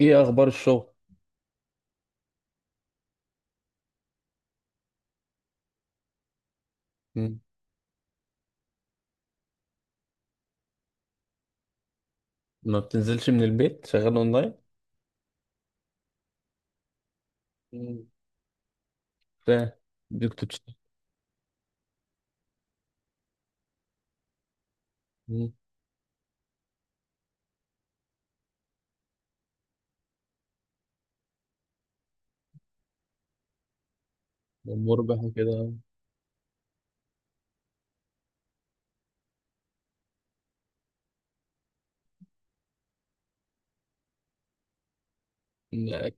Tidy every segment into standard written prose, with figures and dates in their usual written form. ايه اخبار الشغل؟ مم. ما بتنزلش من البيت شغال اونلاين؟ مم. ف- دي كنت بتشتغل؟ مم. مربح كده؟ مم.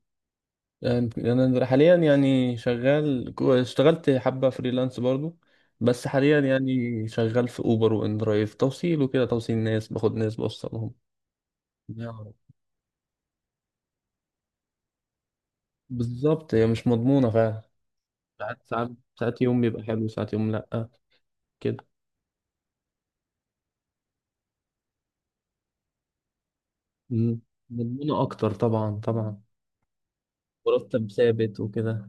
انا حاليا يعني شغال اشتغلت حبة فريلانس برضو. بس حاليا يعني شغال في اوبر وان درايف، توصيل وكده، توصيل ناس، باخد ناس بوصلهم. يا رب. بالظبط، هي مش مضمونة فعلا. ساعات ساعات ساعات يوم بيبقى حلو، ساعات يوم لأ. كده. مم. مضمونة اكتر طبعا طبعا. مرتب ثابت وكده.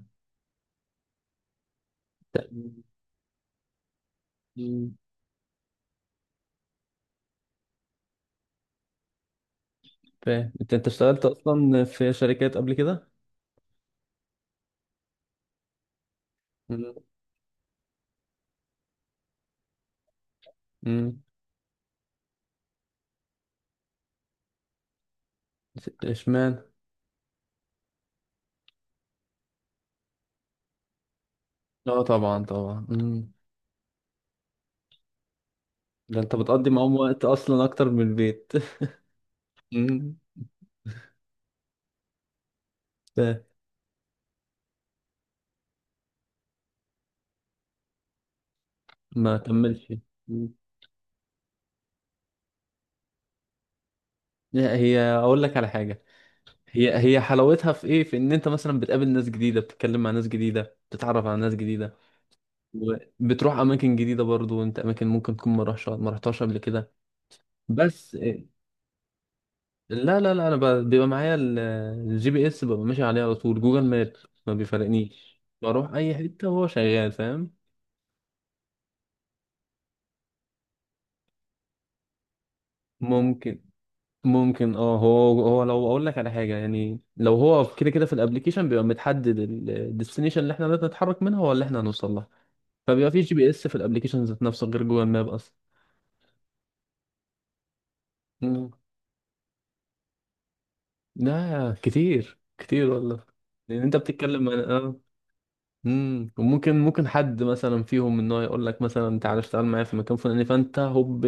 مم. فاهم انت اشتغلت اصلا في شركات قبل كده؟ مم. مم. اشمعنى؟ اه طبعا طبعا. مم. ده انت بتقضي معاهم وقت اصلا اكتر من البيت مم. فاهم. ما كملش؟ مم. لا، هي اقول لك على حاجه. هي حلاوتها في ايه، في ان انت مثلا بتقابل ناس جديده، بتتكلم مع ناس جديده، بتتعرف على ناس جديده، وبتروح اماكن جديده برضو انت، اماكن ممكن تكون ما رحتهاش قبل كده. بس. لا لا لا، انا بيبقى معايا الجي بي اس، ببقى ماشي عليه على طول، جوجل ماب. ما بيفرقنيش، بروح اي حته وهو شغال فاهم. ممكن. ممكن، هو لو اقول لك على حاجه، يعني لو هو كده كده في الابليكيشن بيبقى متحدد الديستنيشن اللي احنا لازم نتحرك منها ولا احنا هنوصل لها. فبيبقى في جي بي اس في الابليكيشن ذات نفسه، غير جوجل ماب اصلا. مم. لا كتير كتير والله. لان انت بتتكلم امم، وممكن حد مثلا فيهم ان هو يقول لك مثلا تعالى اشتغل معايا في مكان فلاني، فانت هوب،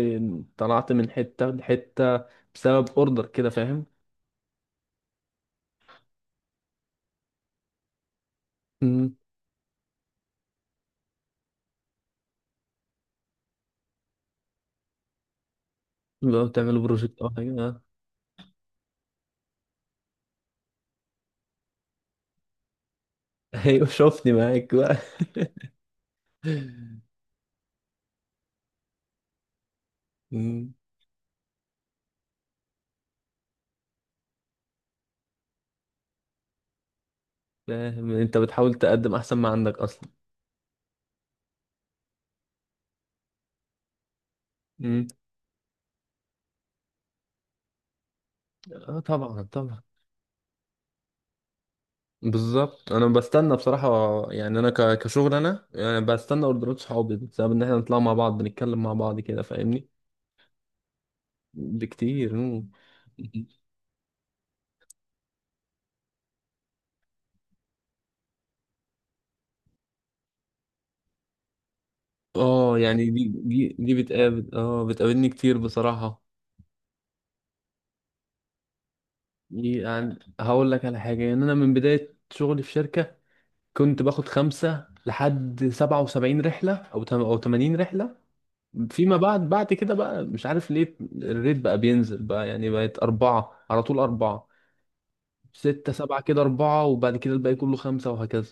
طلعت من حته لحته بسبب اوردر كده فاهم. امم. بقى بتعملوا بروجكت او حاجه، آه. ايوه، شوفني معاك بقى امم. فاهم، انت بتحاول تقدم احسن ما عندك اصلا. امم. اه طبعا طبعا. بالظبط، انا بستنى بصراحه، يعني انا كشغل انا يعني بستنى اوردرات صحابي بسبب ان احنا نطلع مع بعض، نتكلم مع بعض كده، فاهمني. بكتير، مم. اه، يعني دي بتقابل، بتقابلني كتير بصراحة. يعني هقول لك على حاجة، يعني أنا من بداية شغلي في شركة كنت باخد خمسة لحد سبعة وسبعين رحلة أو تمانين رحلة. فيما بعد، بعد كده بقى مش عارف ليه، الريت بقى بينزل بقى، يعني بقت أربعة على طول، أربعة، ستة، سبعة، كده أربعة، وبعد كده الباقي كله خمسة وهكذا.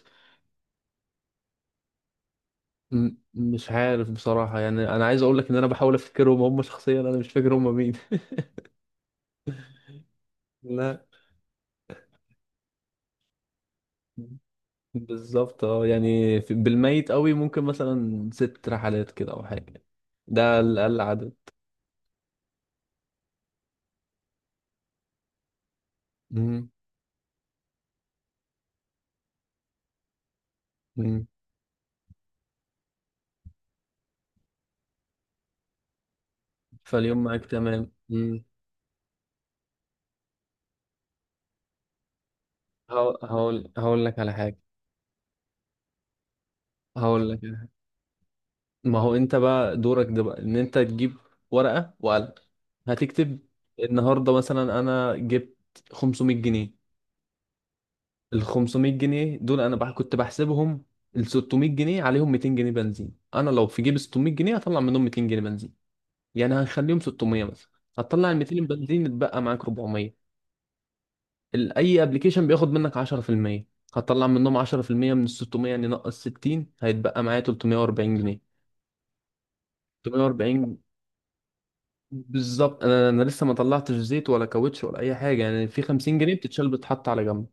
مش عارف بصراحة، يعني أنا عايز أقول لك إن أنا بحاول أفتكرهم، هم شخصيا أنا مش فاكر هم مين. لا. بالظبط، اه، يعني بالميت قوي ممكن مثلا ست رحلات كده او حاجه، ده الاقل عدد. مم. مم. فاليوم معاك تمام، مم. هقول هقول هقول لك على حاجة هقول لك على حاجة. ما هو انت بقى دورك ده بقى ان انت تجيب ورقه وقلم، هتكتب النهارده مثلا انا جبت 500 جنيه. ال 500 جنيه دول انا كنت بحسبهم ال 600 جنيه، عليهم 200 جنيه بنزين. انا لو في جيب 600 جنيه، هطلع منهم 200 جنيه بنزين، يعني هنخليهم 600 مثلا، هتطلع ال 200 الباقيين يتبقى معاك 400. اي ابلكيشن بياخد منك 10%، هتطلع منهم 10% من ال 600، يعني نقص 60، هيتبقى معايا 340 جنيه. 340، بالظبط. انا لسه ما طلعتش زيت ولا كاوتش ولا اي حاجه، يعني في 50 جنيه بتتشال بتتحط على جنب،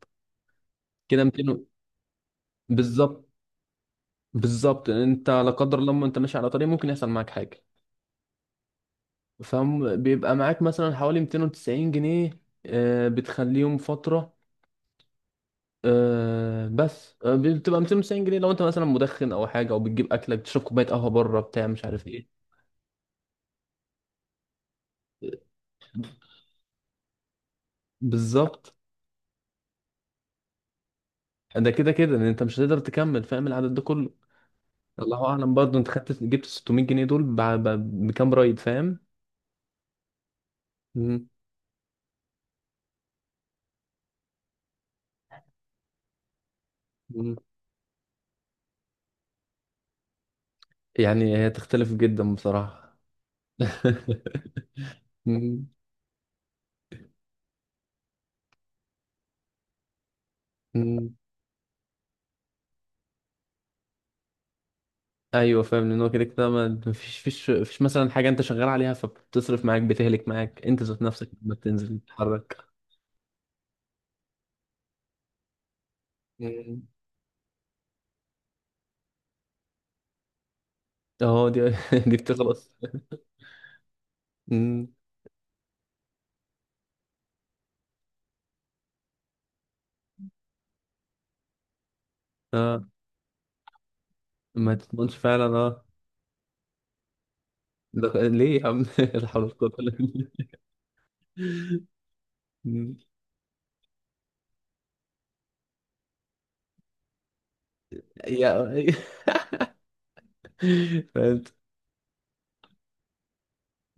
كده 200. بالظبط. بالظبط، انت لا قدر الله لما انت ماشي على طريق ممكن يحصل معاك حاجه، فبيبقى معاك مثلا حوالي 290 جنيه، بتخليهم فتره. بس بتبقى 290 جنيه لو انت مثلا مدخن او حاجه، او بتجيب اكلك، بتشرب كوبايه قهوه بره بتاع، مش عارف ايه. بالظبط، ده كده كده ان انت مش هتقدر تكمل فاهم العدد ده كله. الله اعلم برضه انت خدت جبت 600 جنيه دول بكام رايد فاهم. مم. مم. يعني هي تختلف جدا بصراحه. مم. مم. ايوه فاهم، لان هو كده كده ما فيش مثلا حاجه انت شغال عليها فبتصرف معاك، بتهلك معاك انت ذات نفسك لما بتنزل تتحرك. اه دي دي بتخلص. أمم، اه ما تضمنش فعلا، اه. ده ليه يا عم لا حول ولا قوة إلا بالله. أمم، يا فهمت.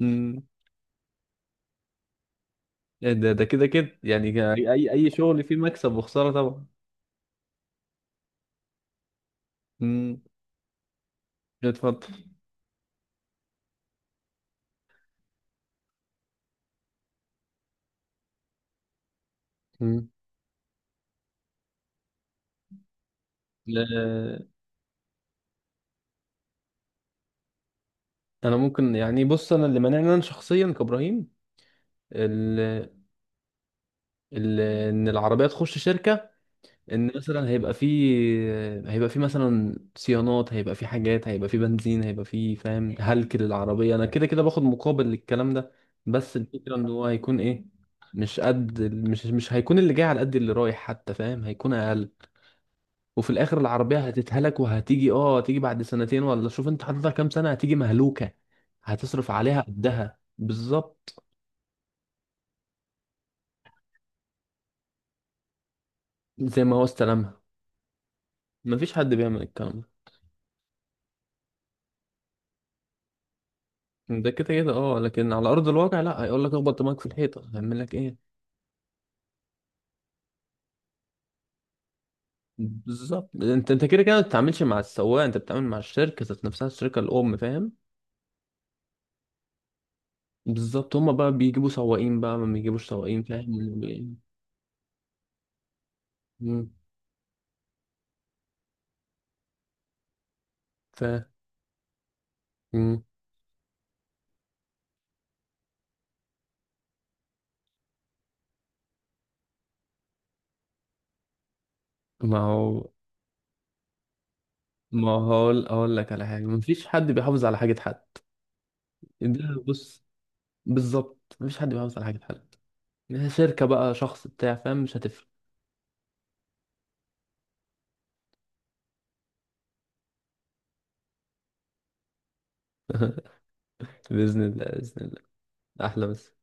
أمم، ده كده كده يعني اي شغل فيه مكسب وخسارة طبعا. أمم، اتفضل. أمم. لا، انا ممكن يعني، بص انا اللي مانعني انا شخصيا كابراهيم، ال- ال- ان العربيه تخش شركه، ان مثلا هيبقى في، هيبقى في مثلا صيانات، هيبقى في حاجات، هيبقى في بنزين، هيبقى في فاهم، هلك للعربية. انا كده كده باخد مقابل للكلام ده، بس الفكرة ان هو هيكون ايه، مش قد، مش هيكون اللي جاي على قد اللي رايح حتى فاهم، هيكون اقل. وفي الاخر العربية هتتهلك وهتيجي هتيجي بعد سنتين، ولا شوف انت حاططها كام سنة، هتيجي مهلوكة. هتصرف عليها قدها بالظبط. زي ما هو استلمها. مفيش حد بيعمل الكلام ده. ده كده كده، لكن على ارض الواقع لا، هيقول لك اخبط دماغك في الحيطه، هيعمل لك ايه؟ بالظبط، انت كده كده ما بتتعاملش مع السواق، انت بتتعامل مع الشركه ذات نفسها، الشركه الام فاهم. بالظبط، هما بقى بيجيبوا سواقين بقى، ما بيجيبوش سواقين فاهم. مم. ف مم. ما هو ما هو اقول لك على حاجه مفيش حد بيحافظ على حاجه حد. ده بص، بالظبط مفيش حد بيحافظ على حاجه حد، شركه بقى شخص بتاع فاهم، مش هتفرق. باذن الله باذن الله. احلى بس.